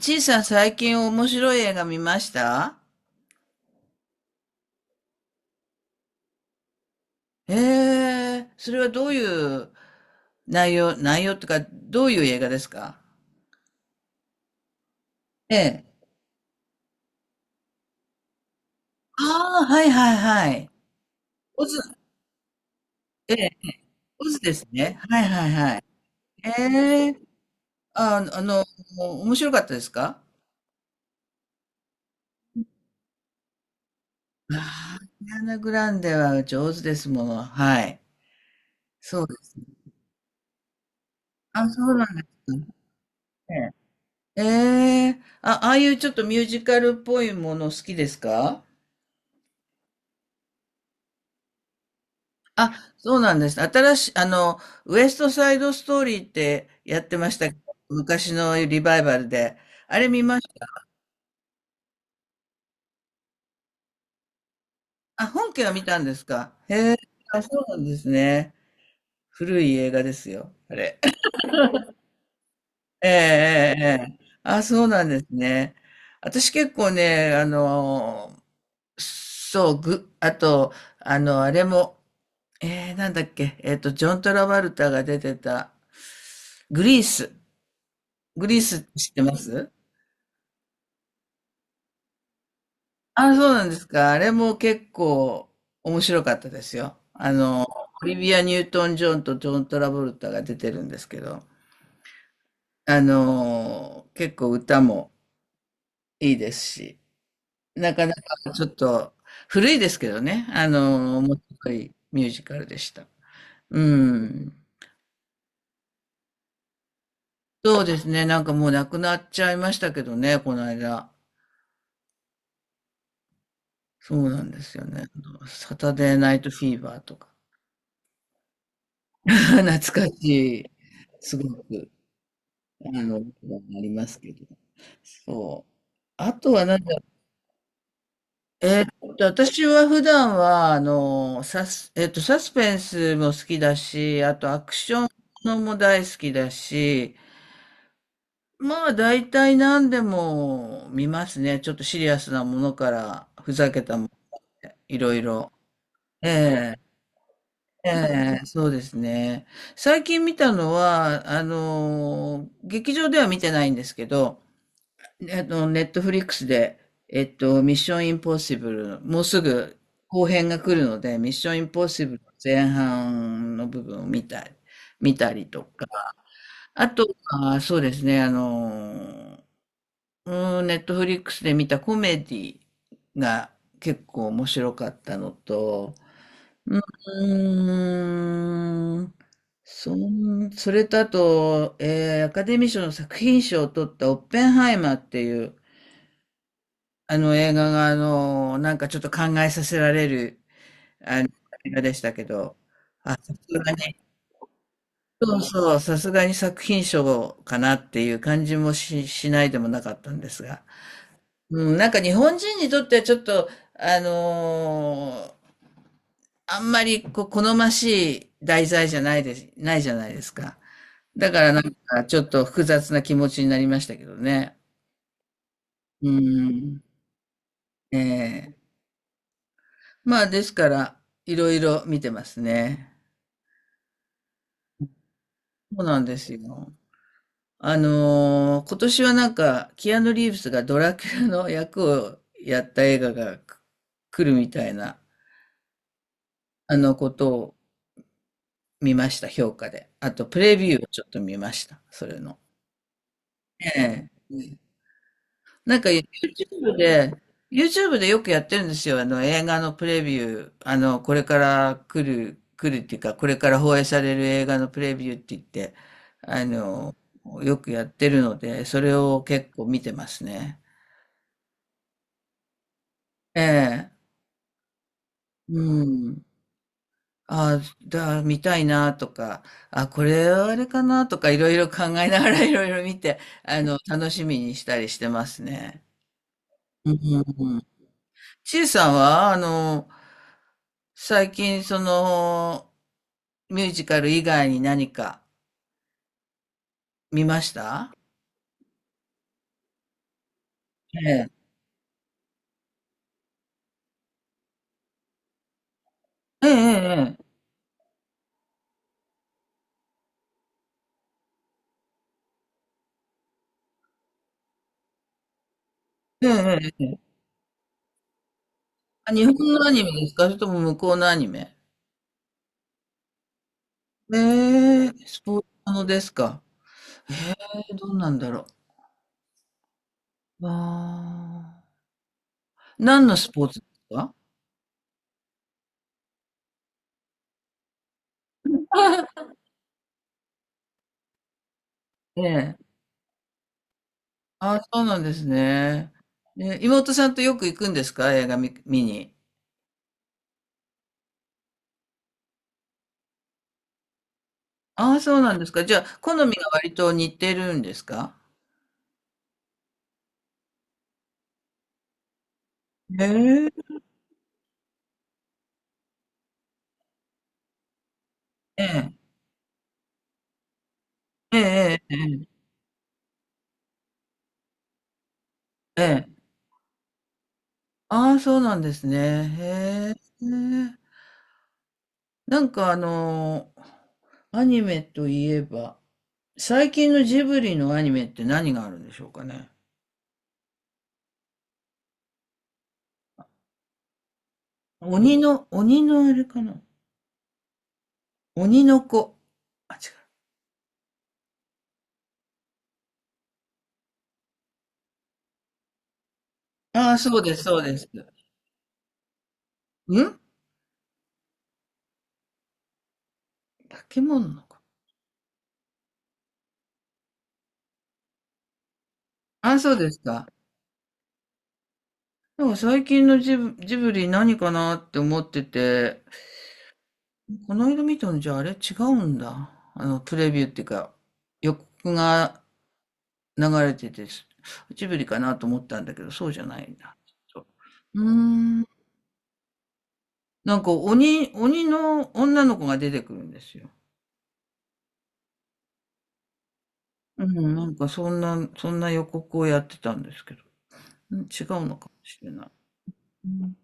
ちいさん最近面白い映画見ました？ええー、それはどういう内容、内容とか、どういう映画ですか？ええ。ああ、はいはいはい。オズ、ええ、オズですね。はいはいはい。ええ、あ、あの、面白かったですか？ああ、アリアナグランデは上手ですもの。はい。そうです。あ、そうなんですか。ええ、えああいうちょっとミュージカルっぽいもの好きですか？あ、そうなんです。新しい、ウエストサイドストーリーってやってましたけど、昔のリバイバルで。あれ見ました。あ、本家は見たんですか。へえ、あ、そうなんですね。古い映画ですよ、あれ。ええ、ええ、えそうなんですね。私結構ね、あと、あれも、なんだっけ、ジョン・トラバルタが出てた、グリース。グリースって知ってます？あ、そうなんですか。あれも結構面白かったですよ。オリビア・ニュートン・ジョンとジョン・トラボルタが出てるんですけど、結構歌もいいですし、なかなかちょっと古いですけどね、面白いミュージカルでした。うん。そうですね。なんかもう亡くなっちゃいましたけどね、この間。そうなんですよね。あのサタデー・ナイト・フィーバーとか。懐かしい。すごく。なりますけど。そう。あとはなんだ、私は普段は、あの、サス、えーっと、サスペンスも好きだし、あとアクションものも大好きだし、まあ大体何でも見ますね。ちょっとシリアスなものから、ふざけたもので、いろいろ。ええ、ええ、そうですね。最近見たのは、劇場では見てないんですけど、ネットフリックスで、ミッションインポッシブル、もうすぐ後編が来るので、ミッションインポッシブルの前半の部分を見たり、見たりとか、あとは、そうですね、ネットフリックスで見たコメディが結構面白かったのと、うーん、それとあと、アカデミー賞の作品賞を取ったオッペンハイマーっていう、あの映画が、なんかちょっと考えさせられる、あの、映画でしたけど、さすがに、そう、さすがに作品賞かなっていう感じもし、しないでもなかったんですが。うん、なんか日本人にとってはちょっと、あのーあんまりこう好ましい題材じゃないです、ないじゃないですか。だからなんかちょっと複雑な気持ちになりましたけどね。うん。ええ、まあ、ですから、いろいろ見てますね。そうなんですよ。今年はなんか、キアヌ・リーブスがドラキュラの役をやった映画が来るみたいな、あのことを見ました、評価で。あと、プレビューをちょっと見ました、それの。ええ。なんか YouTube で、よくやってるんですよ。あの、映画のプレビュー。あの、これから来るっていうか、これから放映される映画のプレビューって言って、あの、よくやってるので、それを結構見てますね。ええ。うん。あ見たいなとか、あ、これはあれかなとか、いろいろ考えながらいろいろ見て、楽しみにしたりしてますね。うん。ちいさんは、最近、ミュージカル以外に何か見ました？ええ。ええ、ええ、ええ。日本のアニメですか、それとも向こうのアニメ？ええ、スポーツものですか？ええ、どうなんだろう。ああ。何のスポーツですか？ ええ。ああ、そうなんですね。ええ、妹さんとよく行くんですか、映画見に。ああ、そうなんですか。じゃあ、好みが割と似てるんですか？へえ。ええ。ええええええ。えええあ、あ、そうなんですね。へえ。なんかあの、アニメといえば、最近のジブリのアニメって何があるんでしょうかね。鬼のあれかな。鬼の子。あ、違う。ああ、そうです、そうです。ん化け物の子。ああ、そうですか。でも最近のジブリ何かなって思ってて、この間見たのじゃあ、あれ違うんだ。あの、プレビューっていうか、予告が流れてて、ジブリかなと思ったんだけど、そうじゃないんだ。ちょっとうーん。なんか鬼の女の子が出てくるんですよ。うん、なんかそんな予告をやってたんですけど、うん、違うのかもしれない。うん。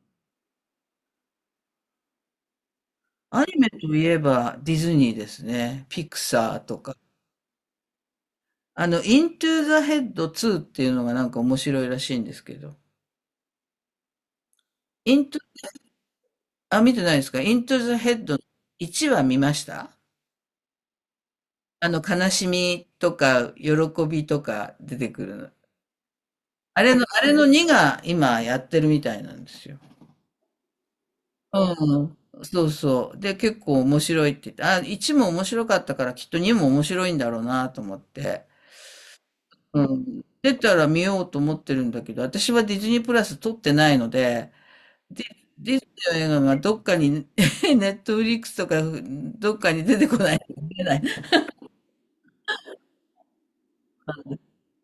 アニメといえばディズニーですね。ピクサーとか。あの、イントゥーザヘッド2っていうのがなんか面白いらしいんですけど。インあ、見てないですか。イントゥ e ヘッド1は見ました？あの、悲しみとか、喜びとか出てくるの。あれの、あれの2が今やってるみたいなんですよ。うん。そうそう。で、結構面白いって言って、あ、1も面白かったからきっと2も面白いんだろうなと思って。うん。出たら見ようと思ってるんだけど、私はディズニープラス撮ってないので、ディディズニーの映画がどっかに、ネットフリックスとか、どっかに出てこない。出ない。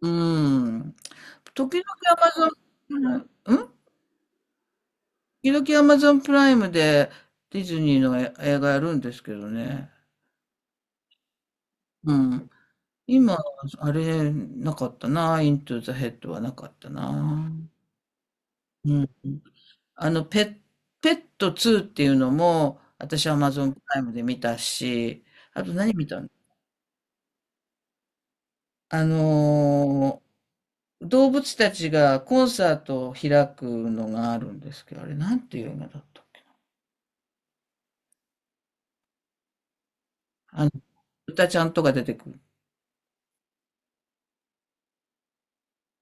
うん。時々アマゾン、うん、うん。時々アマゾンプライムでディズニーのえ映画やるんですけどね。うん。今、あれ、なかったな。イントゥザヘッドはなかったな。うん。あの、ペッ、ペット2っていうのも、私は Amazon プライムで見たし、あと何見たの？あのー動物たちがコンサートを開くのがあるんですけど、あれ、なんていう映画だったっけ？歌ちゃんとか出てくる。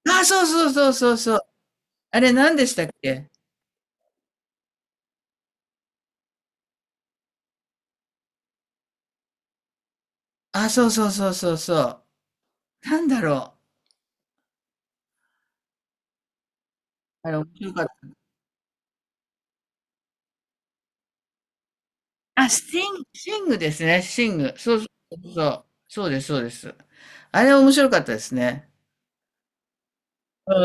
あ、そうそうそうそうそう。あれ何でしたっけ？あ、そうそうそうそうそう。なんだろう。あれ面白かった。あ、スティン、シングですね。シング。そうそうそう。そうです、そうです。あれ面白かったですね。うんう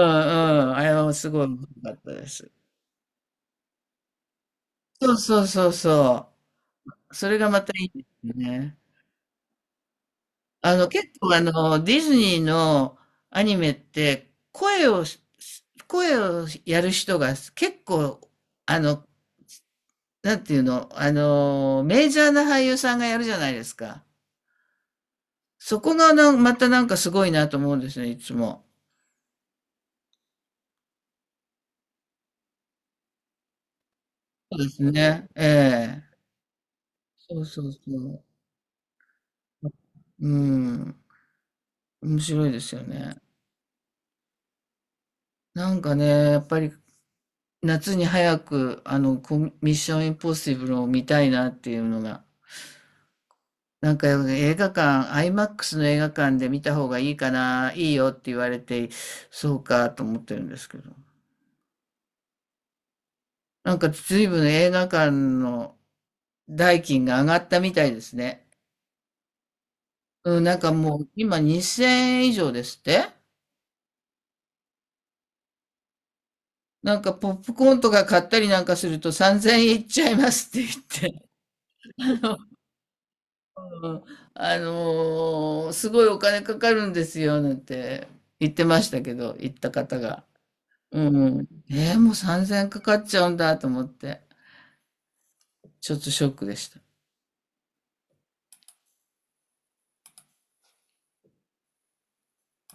ん。あれはすごい面白かったです。そうそうそうそう。それがまたいいですよね。あの、ディズニーのアニメって、声をやる人が結構、あの、なんていうの、メジャーな俳優さんがやるじゃないですか。そこがなんまたなんかすごいなと思うんですね、いつも。そうですね。ええ。そうそうそう。うん、面白いですよね。なんかね、やっぱり夏に早くミッションインポッシブルを見たいなっていうのが、なんか映画館、IMAX の映画館で見た方がいいかな、いいよって言われて、そうかと思ってるんですけど。なんか随分映画館の代金が上がったみたいですね。うん、なんかもう今2000円以上ですって。なんかポップコーンとか買ったりなんかすると3000円いっちゃいますって言って、すごいお金かかるんですよなんて言ってましたけど、言った方が。うん。えーもう3000円かかっちゃうんだと思って、ちょっとショックでした。